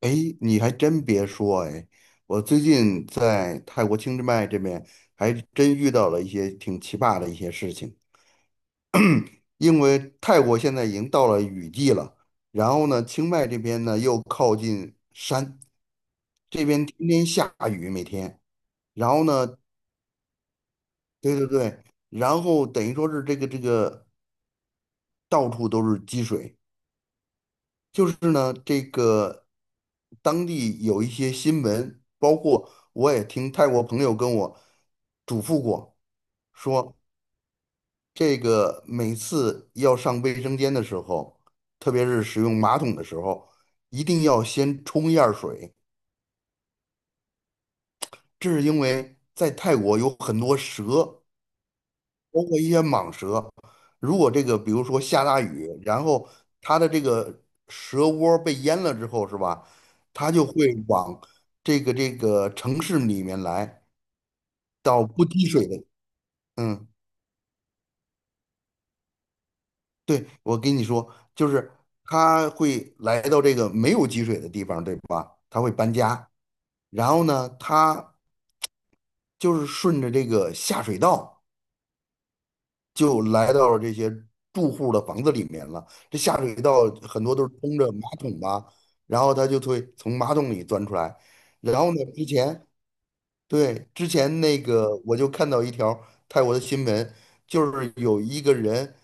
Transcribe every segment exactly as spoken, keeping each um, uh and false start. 哎，你还真别说，哎，我最近在泰国清迈迈这边还真遇到了一些挺奇葩的一些事情。因为泰国现在已经到了雨季了，然后呢，清迈这边呢又靠近山，这边天天下雨，每天。然后呢，对对对，然后等于说是这个这个到处都是积水，就是呢，这个当地有一些新闻，包括我也听泰国朋友跟我嘱咐过，说这个每次要上卫生间的时候，特别是使用马桶的时候，一定要先冲一下水，这是因为在泰国有很多蛇，包括一些蟒蛇，如果这个比如说下大雨，然后它的这个蛇窝被淹了之后，是吧？它就会往这个这个城市里面来，到不积水的。嗯，对，我跟你说，就是它会来到这个没有积水的地方，对吧？它会搬家，然后呢，它就是顺着这个下水道。就来到了这些住户的房子里面了。这下水道很多都是通着马桶吧，然后它就会从马桶里钻出来。然后呢，之前对，之前那个我就看到一条泰国的新闻，就是有一个人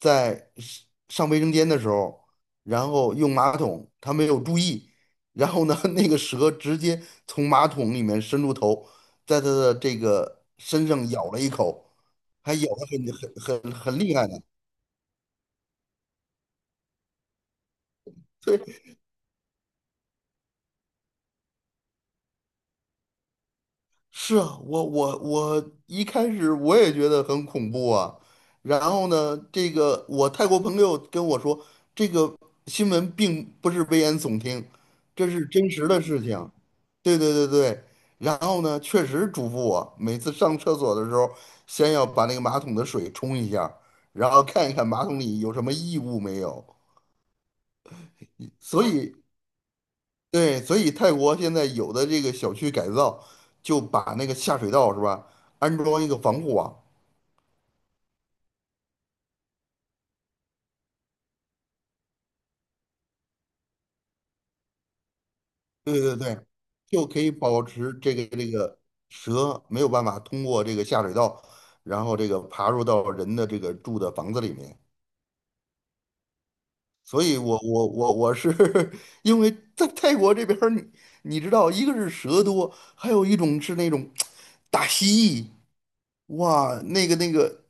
在上上卫生间的时候，然后用马桶，他没有注意，然后呢，那个蛇直接从马桶里面伸出头，在他的这个身上咬了一口，还咬得很很很很厉害呢。是啊，我我我一开始我也觉得很恐怖啊，然后呢，这个我泰国朋友跟我说，这个新闻并不是危言耸听，这是真实的事情。对对对对，然后呢，确实嘱咐我每次上厕所的时候，先要把那个马桶的水冲一下，然后看一看马桶里有什么异物没有。所以。对，所以泰国现在有的这个小区改造，就把那个下水道是吧，安装一个防护网，对对对，就可以保持这个这个蛇没有办法通过这个下水道，然后这个爬入到人的这个住的房子里面。所以我我我我是 因为在泰国这边儿你，你知道，一个是蛇多，还有一种是那种大蜥蜴，哇，那个那个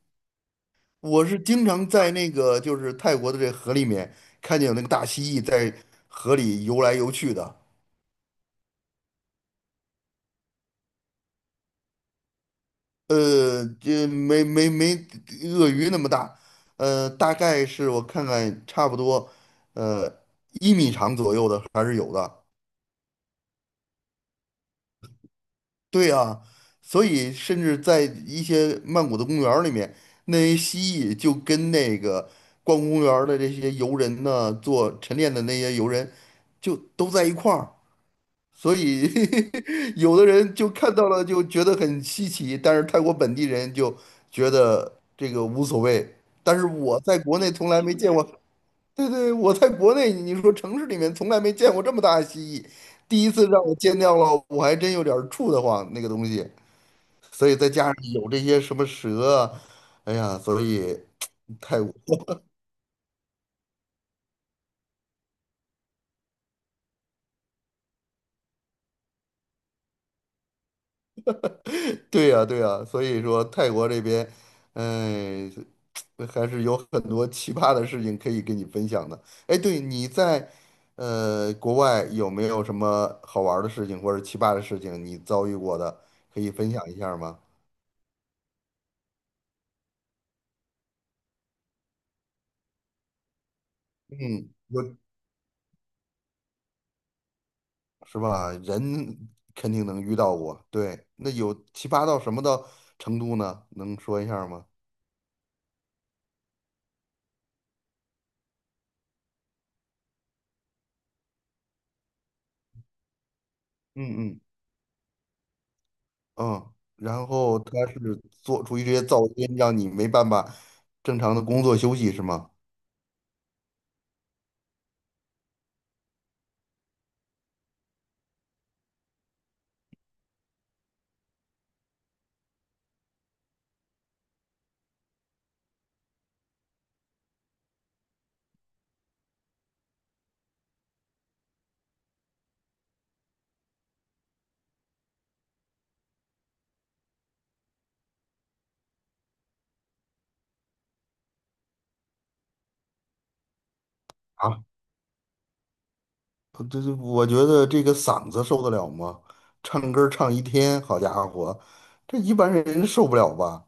我是经常在那个就是泰国的这河里面看见有那个大蜥蜴在河里游来游去的。呃，这没没没鳄鱼那么大，呃，大概是我看看差不多，呃，一米长左右的还是有的。对啊，所以甚至在一些曼谷的公园儿里面，那些蜥蜴就跟那个逛公园儿的这些游人呢，做晨练的那些游人，就都在一块儿。所以 有的人就看到了就觉得很稀奇，但是泰国本地人就觉得这个无所谓。但是我在国内从来没见过，对对，我在国内你说城市里面从来没见过这么大的蜥蜴，第一次让我见到了，我还真有点儿怵得慌那个东西。所以再加上有这些什么蛇啊，哎呀，所以泰国。对呀，对呀，所以说泰国这边，哎，还是有很多奇葩的事情可以跟你分享的。哎，对，你在呃国外有没有什么好玩儿的事情或者奇葩的事情你遭遇过的，可以分享一下儿吗？嗯，我是吧？人肯定能遇到过。对，那有奇葩到什么的程度呢？能说一下儿吗？嗯嗯嗯，然后他是做出一些噪音，让你没办法正常的工作休息，是吗？啊，呃这这，我觉得这个嗓子受得了吗？唱歌儿唱一天，好家伙，这一般人受不了吧？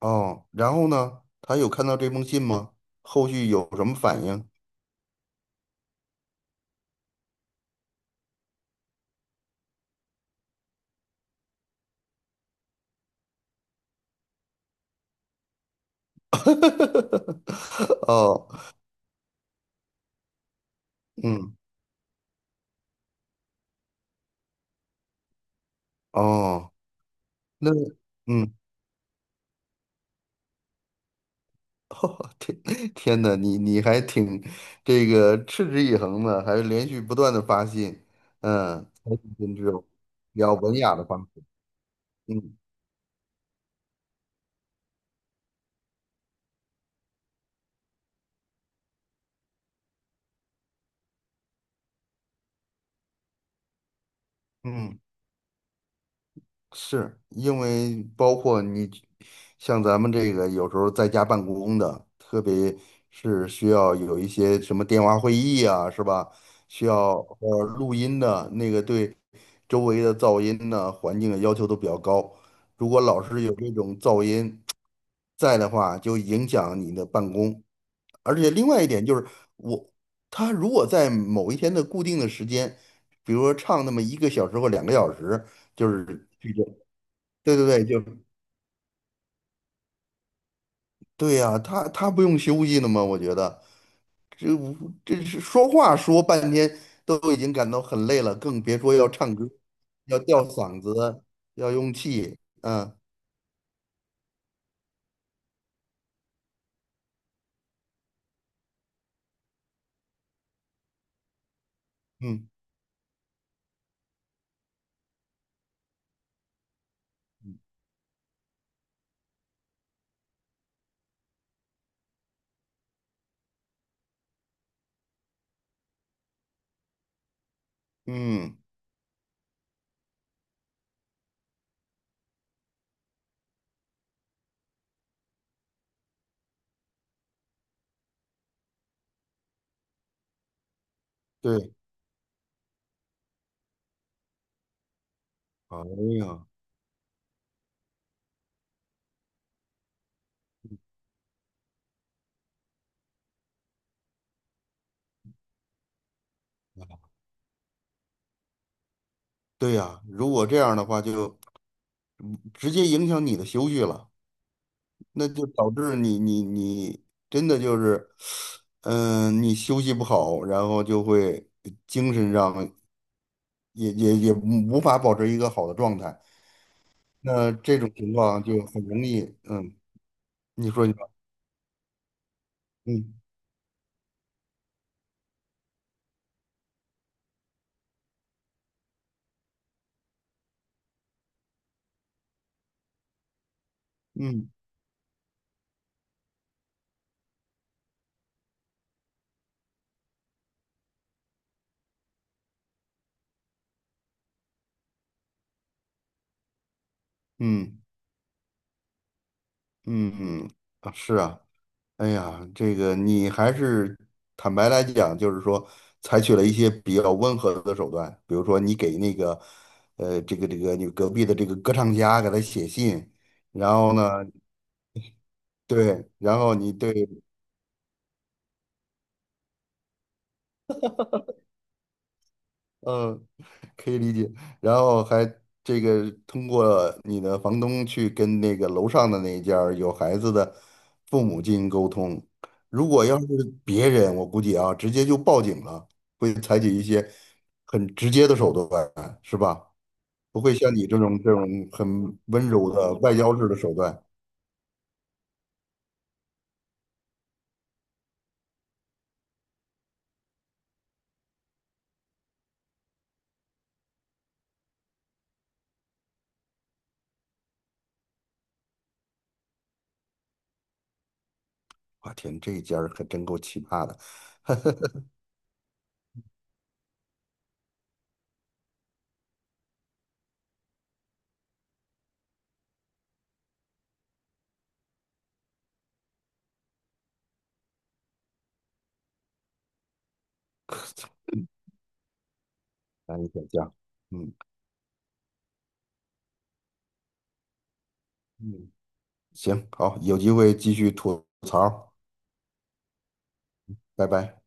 哦，然后呢，他有看到这封信吗？后续有什么反应？哦，嗯，哦，那，嗯。天天呐，你你还挺这个持之以恒的，还连续不断的发信，嗯，才是真挚有文雅的方式，嗯嗯。是因为包括你像咱们这个有时候在家办公的，特别是需要有一些什么电话会议啊，是吧？需要呃录音的那个对周围的噪音呢、环境的要求都比较高。如果老是有这种噪音在的话，就影响你的办公。而且另外一点就是，我他如果在某一天的固定的时间，比如说唱那么一个小时或两个小时。就是去这，对对对，就对呀、他他不用休息的吗？我觉得这这是说话说半天都已经感到很累了，更别说要唱歌，要吊嗓子，要用气，嗯嗯嗯，对，哎呀，对呀、如果这样的话，就直接影响你的休息了，那就导致你你你真的就是，嗯、你休息不好，然后就会精神上。也也也无法保持一个好的状态。那这种情况就很容易，嗯，你说你说，嗯嗯嗯嗯嗯，啊是啊，哎呀，这个你还是坦白来讲，就是说采取了一些比较温和的手段，比如说你给那个，呃，这个这个你隔壁的这个歌唱家给他写信，然后呢，对，然后你对。嗯，可以理解。然后还这个通过你的房东去跟那个楼上的那一家儿有孩子的父母进行沟通。如果要是别人，我估计啊，直接就报警了，很直接的手段，是吧？不会像你这种这种很温柔的外交式的手段。我天，这一家儿可真够奇葩的，难以想象。嗯嗯，行，好，有机会继续吐槽，拜拜。